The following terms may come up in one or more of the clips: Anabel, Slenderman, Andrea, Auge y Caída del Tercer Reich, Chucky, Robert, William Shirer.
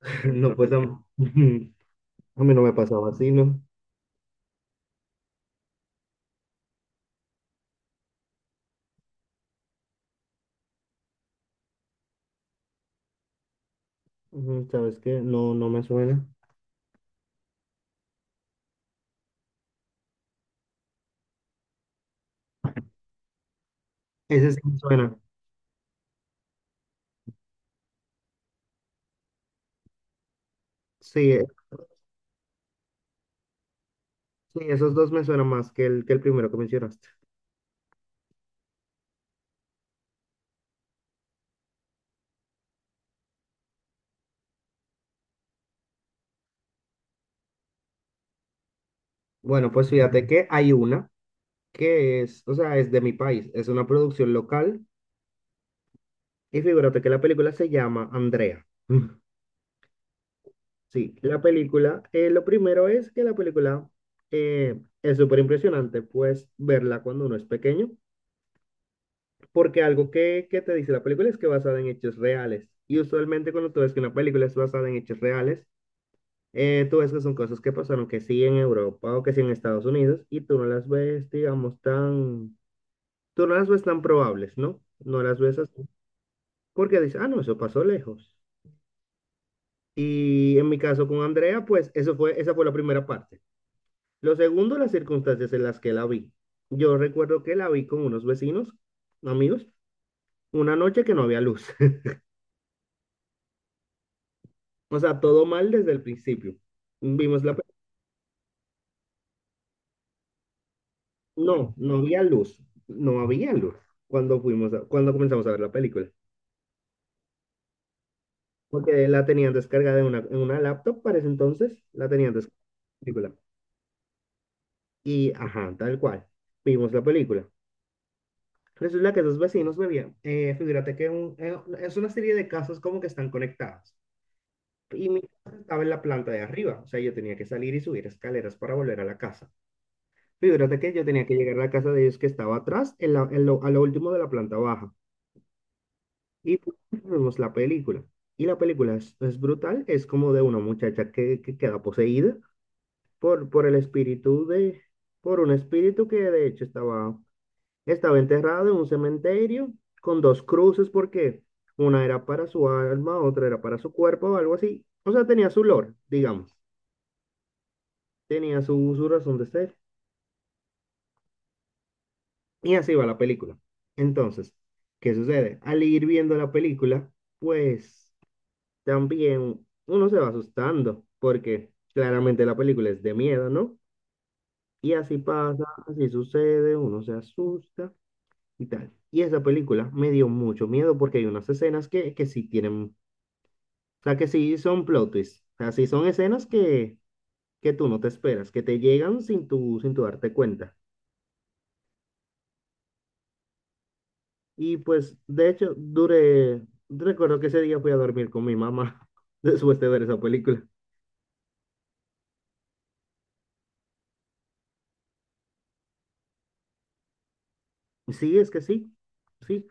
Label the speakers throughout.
Speaker 1: No, pues mí a mí no me pasaba así, ¿no? Ujú, ¿sabes qué? No, no me suena. Ese sí me suena. Sí, sí, esos dos me suenan más que el primero que mencionaste. Bueno, pues fíjate que hay una que es, o sea, es de mi país, es una producción local y figúrate que la película se llama Andrea. Sí, la película, lo primero es que la película es súper impresionante, pues verla cuando uno es pequeño. Porque algo que te dice la película es que es basada en hechos reales. Y usualmente cuando tú ves que una película es basada en hechos reales, tú ves que son cosas que pasaron que sí en Europa o que sí en Estados Unidos y tú no las ves, digamos, tú no las ves tan probables, ¿no? No las ves así. Porque dices, ah, no, eso pasó lejos. Y en mi caso con Andrea, pues esa fue la primera parte. Lo segundo, las circunstancias en las que la vi. Yo recuerdo que la vi con unos vecinos, amigos, una noche que no había luz. O sea, todo mal desde el principio. Vimos la pe- No, no había luz. No había luz cuando cuando comenzamos a ver la película. Porque la tenían descargada en una laptop para ese entonces. La tenían descargada la película. Y, ajá, tal cual. Vimos la película. Resulta que dos vecinos bebían. Figúrate que es una serie de casas como que están conectadas. Y mi casa estaba en la planta de arriba. O sea, yo tenía que salir y subir escaleras para volver a la casa. Fíjate que yo tenía que llegar a la casa de ellos que estaba atrás, en la- en lo- a lo último de la planta baja. Y pues, vimos la película. Y la película es brutal, es como de una muchacha que queda poseída por el espíritu por un espíritu que de hecho estaba enterrado en un cementerio con dos cruces porque una era para su alma, otra era para su cuerpo o algo así. O sea, tenía su lore, digamos. Tenía su razón de ser. Y así va la película. Entonces, ¿qué sucede? Al ir viendo la película, pues también uno se va asustando, porque claramente la película es de miedo, ¿no? Y así pasa, así sucede, uno se asusta y tal. Y esa película me dio mucho miedo porque hay unas escenas que sí tienen, o sea, que sí son plot twists, o sea, sí son escenas que tú no te esperas, que te llegan sin tu darte cuenta. Y pues, de hecho, recuerdo que ese día fui a dormir con mi mamá después de ver esa película. Sí, es que sí, sí.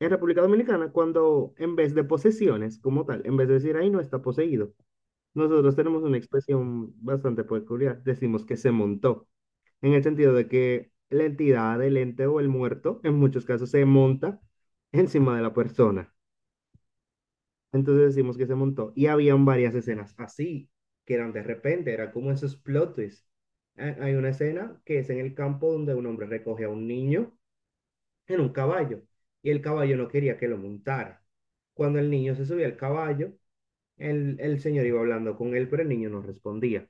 Speaker 1: En República Dominicana, cuando en vez de posesiones como tal, en vez de decir ahí no está poseído, nosotros tenemos una expresión bastante peculiar. Decimos que se montó, en el sentido de que la entidad, el ente o el muerto, en muchos casos, se monta encima de la persona. Entonces decimos que se montó. Y habían varias escenas así, que eran de repente, era como esos plot twists. Hay una escena que es en el campo donde un hombre recoge a un niño en un caballo y el caballo no quería que lo montara. Cuando el niño se subía al caballo, el señor iba hablando con él, pero el niño no respondía.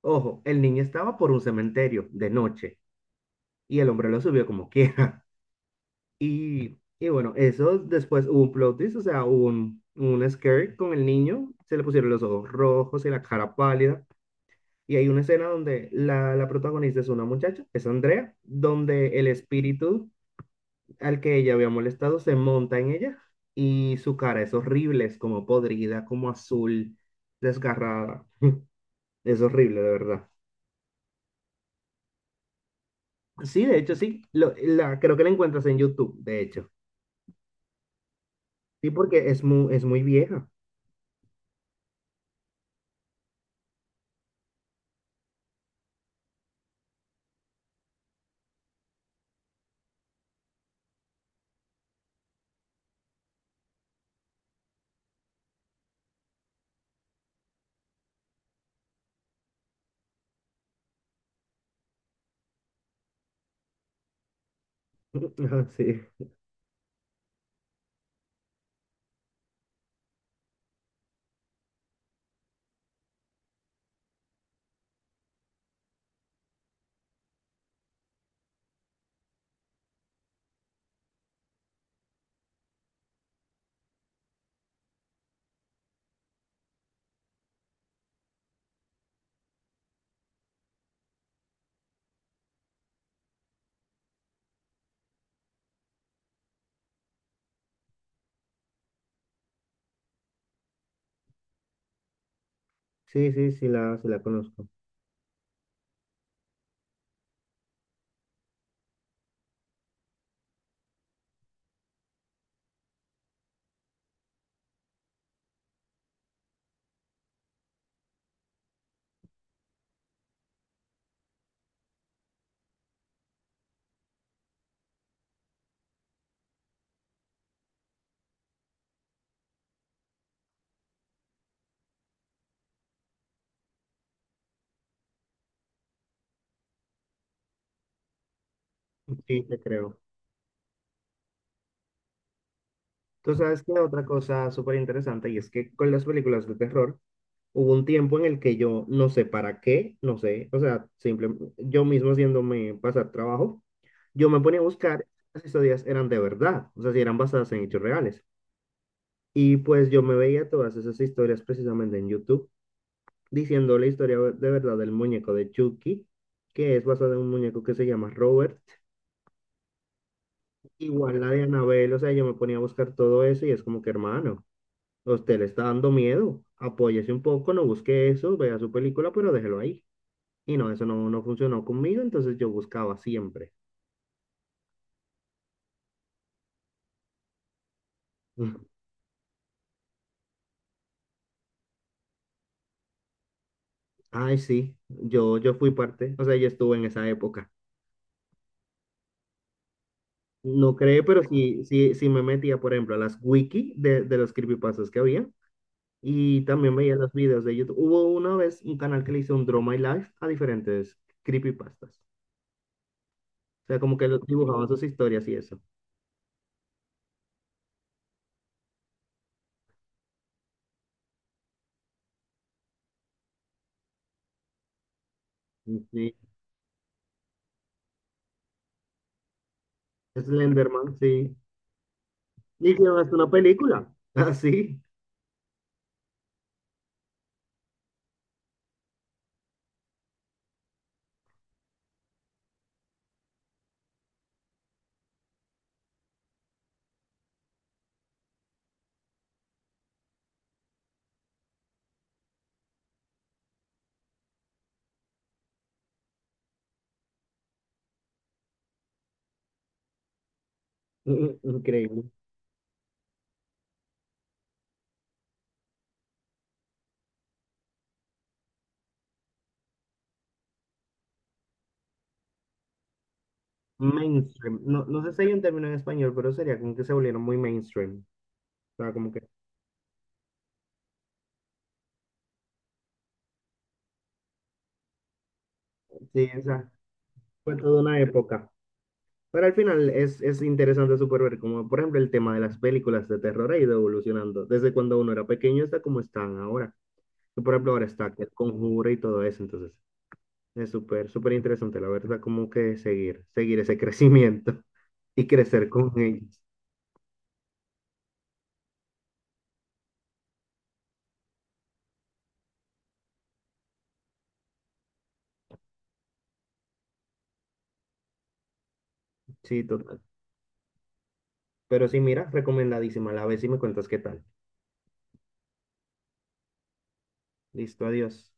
Speaker 1: Ojo, el niño estaba por un cementerio de noche y el hombre lo subió como quiera. Y bueno, eso después hubo un plot twist, o sea, hubo un scare con el niño, se le pusieron los ojos rojos y la cara pálida. Y hay una escena donde la protagonista es una muchacha, es Andrea, donde el espíritu al que ella había molestado se monta en ella y su cara es horrible, es como podrida, como azul, desgarrada. Es horrible, de verdad. Sí, de hecho, sí. Creo que la encuentras en YouTube, de hecho. Sí, porque es muy vieja. Ajá, sí. Sí, sí, sí la conozco. Sí, te creo. Tú sabes que otra cosa súper interesante y es que con las películas de terror hubo un tiempo en el que yo no sé para qué, no sé, o sea, simplemente yo mismo haciéndome pasar trabajo, yo me ponía a buscar si las historias eran de verdad, o sea, si eran basadas en hechos reales. Y pues yo me veía todas esas historias precisamente en YouTube diciendo la historia de verdad del muñeco de Chucky, que es basada en un muñeco que se llama Robert. Igual la de Anabel, o sea, yo me ponía a buscar todo eso y es como que, hermano, a usted le está dando miedo, apóyese un poco, no busque eso, vea su película, pero déjelo ahí. Y no, eso no, no funcionó conmigo, entonces yo buscaba siempre. Mm. Ay, sí, yo fui parte, o sea, yo estuve en esa época. No cree, pero sí, sí, sí me metía, por ejemplo, a las wiki de los creepypastas que había y también veía los videos de YouTube. Hubo una vez un canal que le hizo un Draw My Life a diferentes creepypastas. O sea, como que los dibujaban sus historias y eso. Sí, Slenderman, sí. Y que es una película. Así. Increíble. Mainstream. No, no sé si hay un término en español, pero sería como que se volvieron muy mainstream. O sea, como que sí, o sea, fue toda una época. Pero al final es interesante súper ver como, por ejemplo, el tema de las películas de terror ha ido evolucionando. Desde cuando uno era pequeño hasta como están ahora. Y, por ejemplo, ahora está el conjuro y todo eso. Entonces, es súper, súper interesante, la verdad, como que seguir ese crecimiento y crecer con ellos. Sí, total. Pero sí, mira, recomendadísima. La ves y me cuentas qué tal. Listo, adiós.